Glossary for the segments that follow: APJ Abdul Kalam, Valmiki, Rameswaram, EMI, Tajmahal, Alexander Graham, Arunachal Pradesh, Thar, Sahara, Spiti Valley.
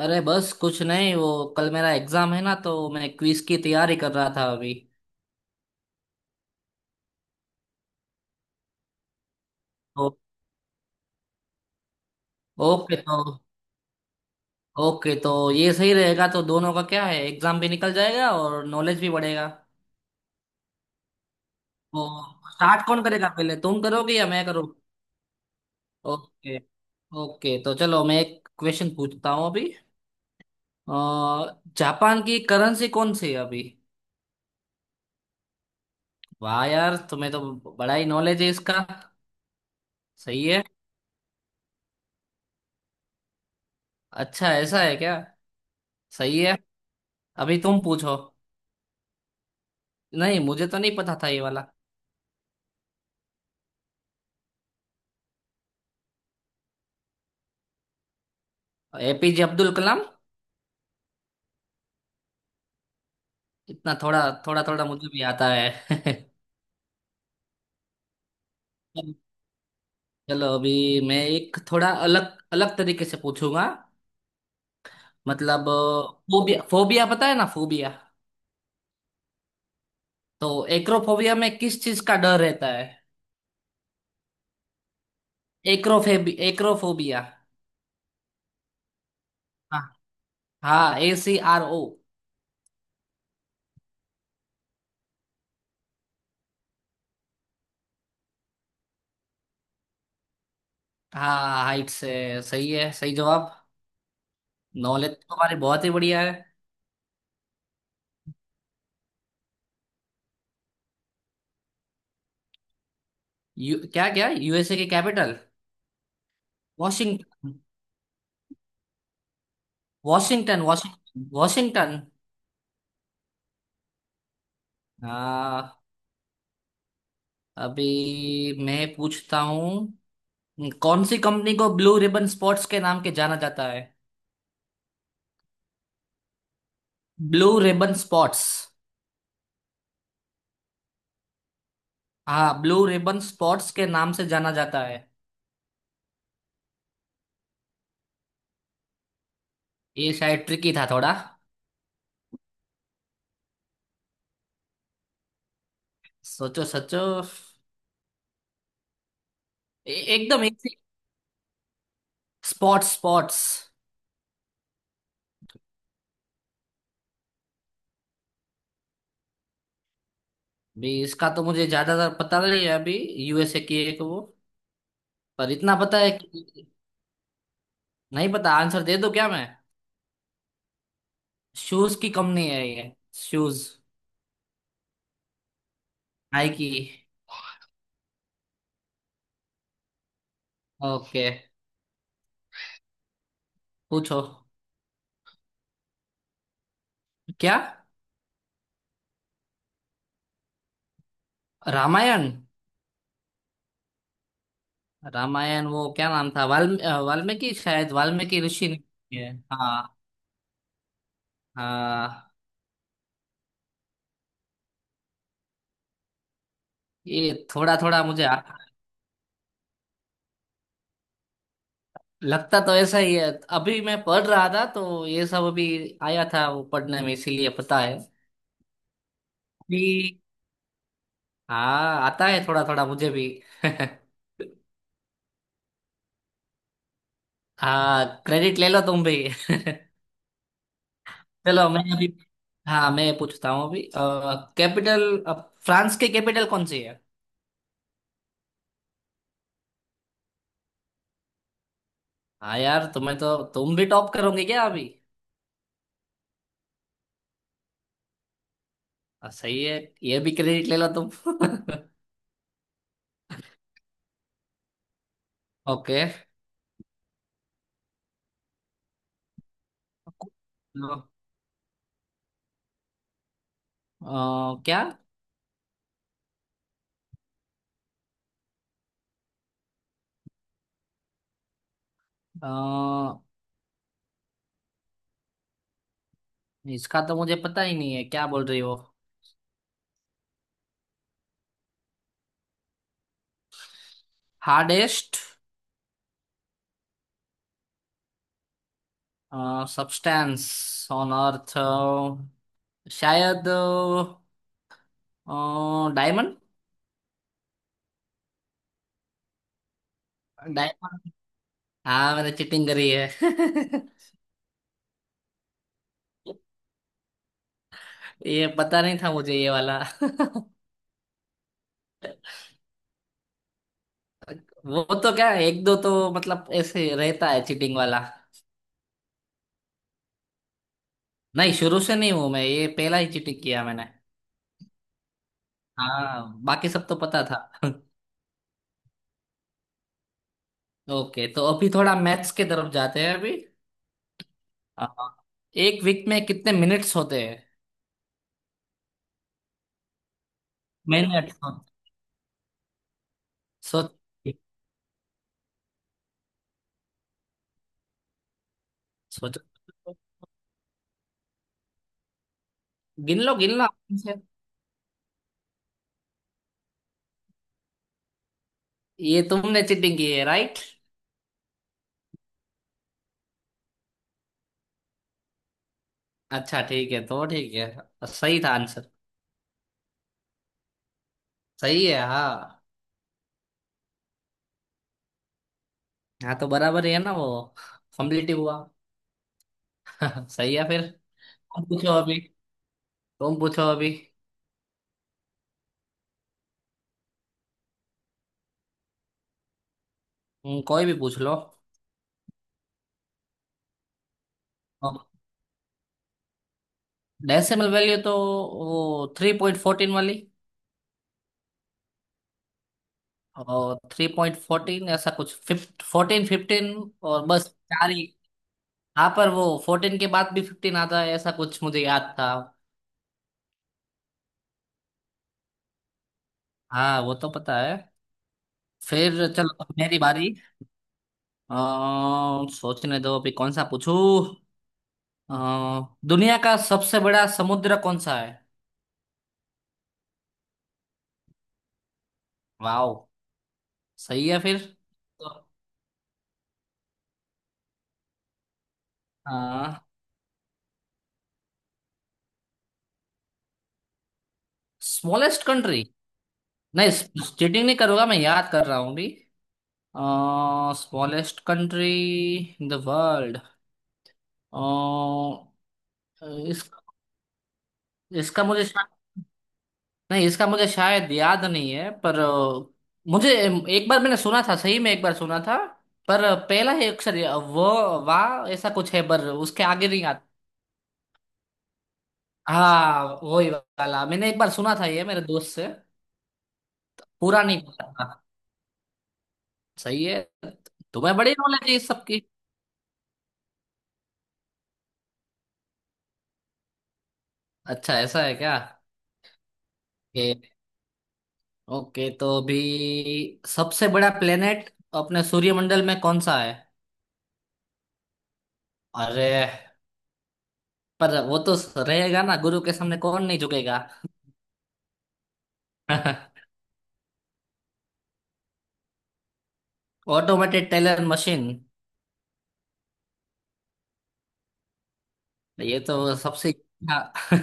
अरे बस कुछ नहीं। वो कल मेरा एग्जाम है ना, तो मैं क्विज की तैयारी कर रहा था अभी। तो ओके तो ओके तो ये सही रहेगा, तो दोनों का क्या है, एग्जाम भी निकल जाएगा और नॉलेज भी बढ़ेगा। तो स्टार्ट कौन करेगा, पहले तुम करोगे या मैं करूँ? ओके। ओके तो चलो मैं एक क्वेश्चन पूछता हूँ अभी। जापान की करेंसी कौन सी है अभी? वाह यार, तुम्हें तो बड़ा ही नॉलेज है इसका। सही है। अच्छा ऐसा है क्या? सही है। अभी तुम पूछो। नहीं, मुझे तो नहीं पता था ये वाला। एपीजे अब्दुल कलाम। इतना थोड़ा, थोड़ा थोड़ा मुझे भी आता है चलो अभी मैं एक थोड़ा अलग अलग तरीके से पूछूंगा। मतलब फोबिया, फोबिया पता है ना, फोबिया? तो एक्रोफोबिया में किस चीज का डर रहता है? एक्रोफेबी एक्रोफोबिया। हाँ। हाँ, ए सी आर ओ। हाँ, हाइट से। सही है, सही जवाब। नॉलेज तो हमारी बहुत ही बढ़िया है। क्या क्या यूएसए की कैपिटल? वॉशिंगटन। वॉशिंगटन। वॉशिंगटन। हाँ अभी मैं पूछता हूँ, कौन सी कंपनी को ब्लू रिबन स्पॉट्स के नाम के जाना जाता है? Blue Ribbon Sports. हाँ, ब्लू रिबन स्पॉट्स के नाम से जाना जाता है। ये शायद ट्रिकी था थोड़ा। सोचो सोचो। एकदम एक स्पॉट्स स्पॉट्स। भी इसका तो मुझे ज्यादातर पता नहीं है अभी। यूएसए की है वो। पर इतना पता है कि नहीं पता। आंसर दे दो क्या मैं? शूज की कंपनी है ये। शूज। नाइकी। ओके पूछो। क्या? रामायण? रामायण वो क्या नाम था, वाल्मीकि, शायद वाल्मीकि ऋषि ने लिखी है हाँ। हाँ ये थोड़ा थोड़ा मुझे लगता तो ऐसा ही है। अभी मैं पढ़ रहा था, तो ये सब अभी आया था वो पढ़ने में, इसीलिए पता है अभी। हाँ आता है थोड़ा थोड़ा मुझे भी हाँ क्रेडिट ले लो तुम भी चलो मैं अभी। हाँ मैं पूछता हूँ अभी। कैपिटल फ्रांस की कैपिटल कौन सी है? हाँ यार, तुम्हें तो तुम भी टॉप करोगे क्या अभी? सही है। ये भी क्रेडिट ले लो तुम ओके। क्या? अ, इसका तो मुझे पता ही नहीं है, क्या बोल रही हो? हार्डेस्ट सब्सटेंस ऑन अर्थ, शायद डायमंड। डायमंड। हाँ मैंने चीटिंग करी है ये पता नहीं था मुझे ये वाला। वो तो क्या, एक दो तो मतलब ऐसे रहता है चीटिंग वाला। नहीं, शुरू से नहीं हूं मैं, ये पहला ही चीटिंग किया मैंने। हाँ, बाकी सब तो पता था। ओके तो अभी थोड़ा मैथ्स के तरफ जाते हैं अभी। अ, एक वीक में कितने मिनट्स होते हैं? मिनट। सोच। सोचो। गिन लो आराम से। ये तुमने चीटिंग की है राइट? अच्छा ठीक है, तो ठीक है। सही था आंसर? सही है, हाँ। हाँ तो बराबर ही है ना वो। कम्प्लीटिव हुआ। सही है फिर। तुम पूछो अभी। तुम पूछो अभी। कोई भी पूछ लो। डेसिमल वैल्यू तो वो थ्री पॉइंट फोर्टीन वाली। और थ्री पॉइंट फोर्टीन, ऐसा कुछ फिफ्ट फोर्टीन फिफ्टीन। और बस चार ही। हाँ पर वो फोर्टीन के बाद भी फिफ्टीन आता है ऐसा कुछ मुझे याद था। हाँ वो तो पता है। फिर चलो अब मेरी बारी। सोचने दो अभी कौन सा पूछूं। अ, दुनिया का सबसे बड़ा समुद्र कौन सा है? वाओ। सही है फिर तो। हाँ। Smallest country? नहीं चीटिंग नहीं करूंगा, मैं याद कर रहा हूँ अभी। Smallest country in the world. अ, इस इसका मुझे शा- नहीं, इसका मुझे शायद याद नहीं है, पर मुझे एक बार मैंने सुना था, सही में एक बार सुना था, पर पहला ही अक्षर व वा, ऐसा कुछ है पर उसके आगे नहीं आता। हाँ वही वाला मैंने एक बार सुना था ये मेरे दोस्त से। पूरा नहीं पता था। सही है। तुम्हें बड़ी नॉलेज है इस सबकी। अच्छा ऐसा है क्या? ओके। ओके तो अभी सबसे बड़ा प्लेनेट अपने सूर्यमंडल में कौन सा है? अरे पर वो तो रहेगा ना, गुरु के सामने कौन नहीं झुकेगा ऑटोमेटेड टेलर मशीन। ये तो सबसे अच्छा।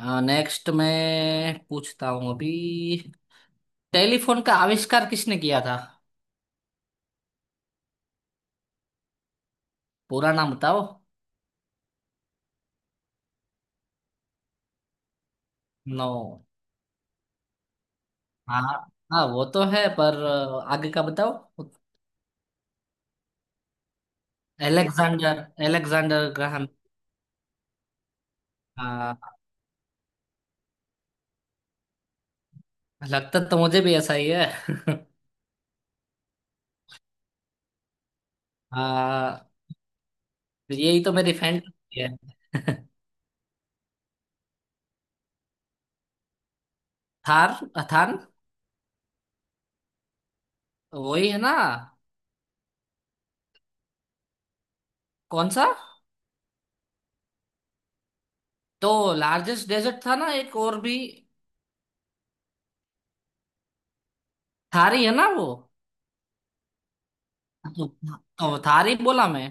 हाँ नेक्स्ट मैं पूछता हूँ अभी। टेलीफोन का आविष्कार किसने किया था? पूरा नाम बताओ। नो। हाँ। हाँ वो तो है, पर आगे का बताओ। एलेक्सेंडर। Alexander Graham. हाँ लगता तो मुझे भी ऐसा ही है। हाँ यही तो मेरी फ्रेंड है। थार। थान। वही है ना? कौन सा? तो लार्जेस्ट डेजर्ट था ना एक और भी। थारी है ना वो? तो, तो थारी बोला मैं।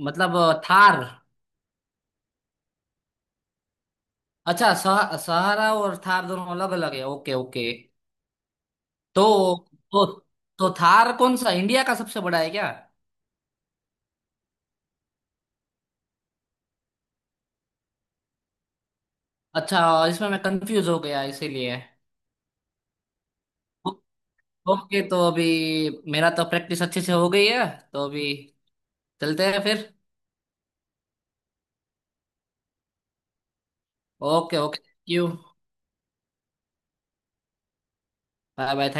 मतलब थार। अच्छा सहारा और थार दोनों अलग अलग है, ओके ओके। तो तो तो थार कौन सा, इंडिया का सबसे बड़ा है क्या? अच्छा। इसमें मैं कंफ्यूज हो गया इसीलिए। ओ- ओके तो अभी मेरा तो प्रैक्टिस अच्छे से हो गई है, तो अभी चलते हैं फिर। Okay. Okay thank you. Bye bye.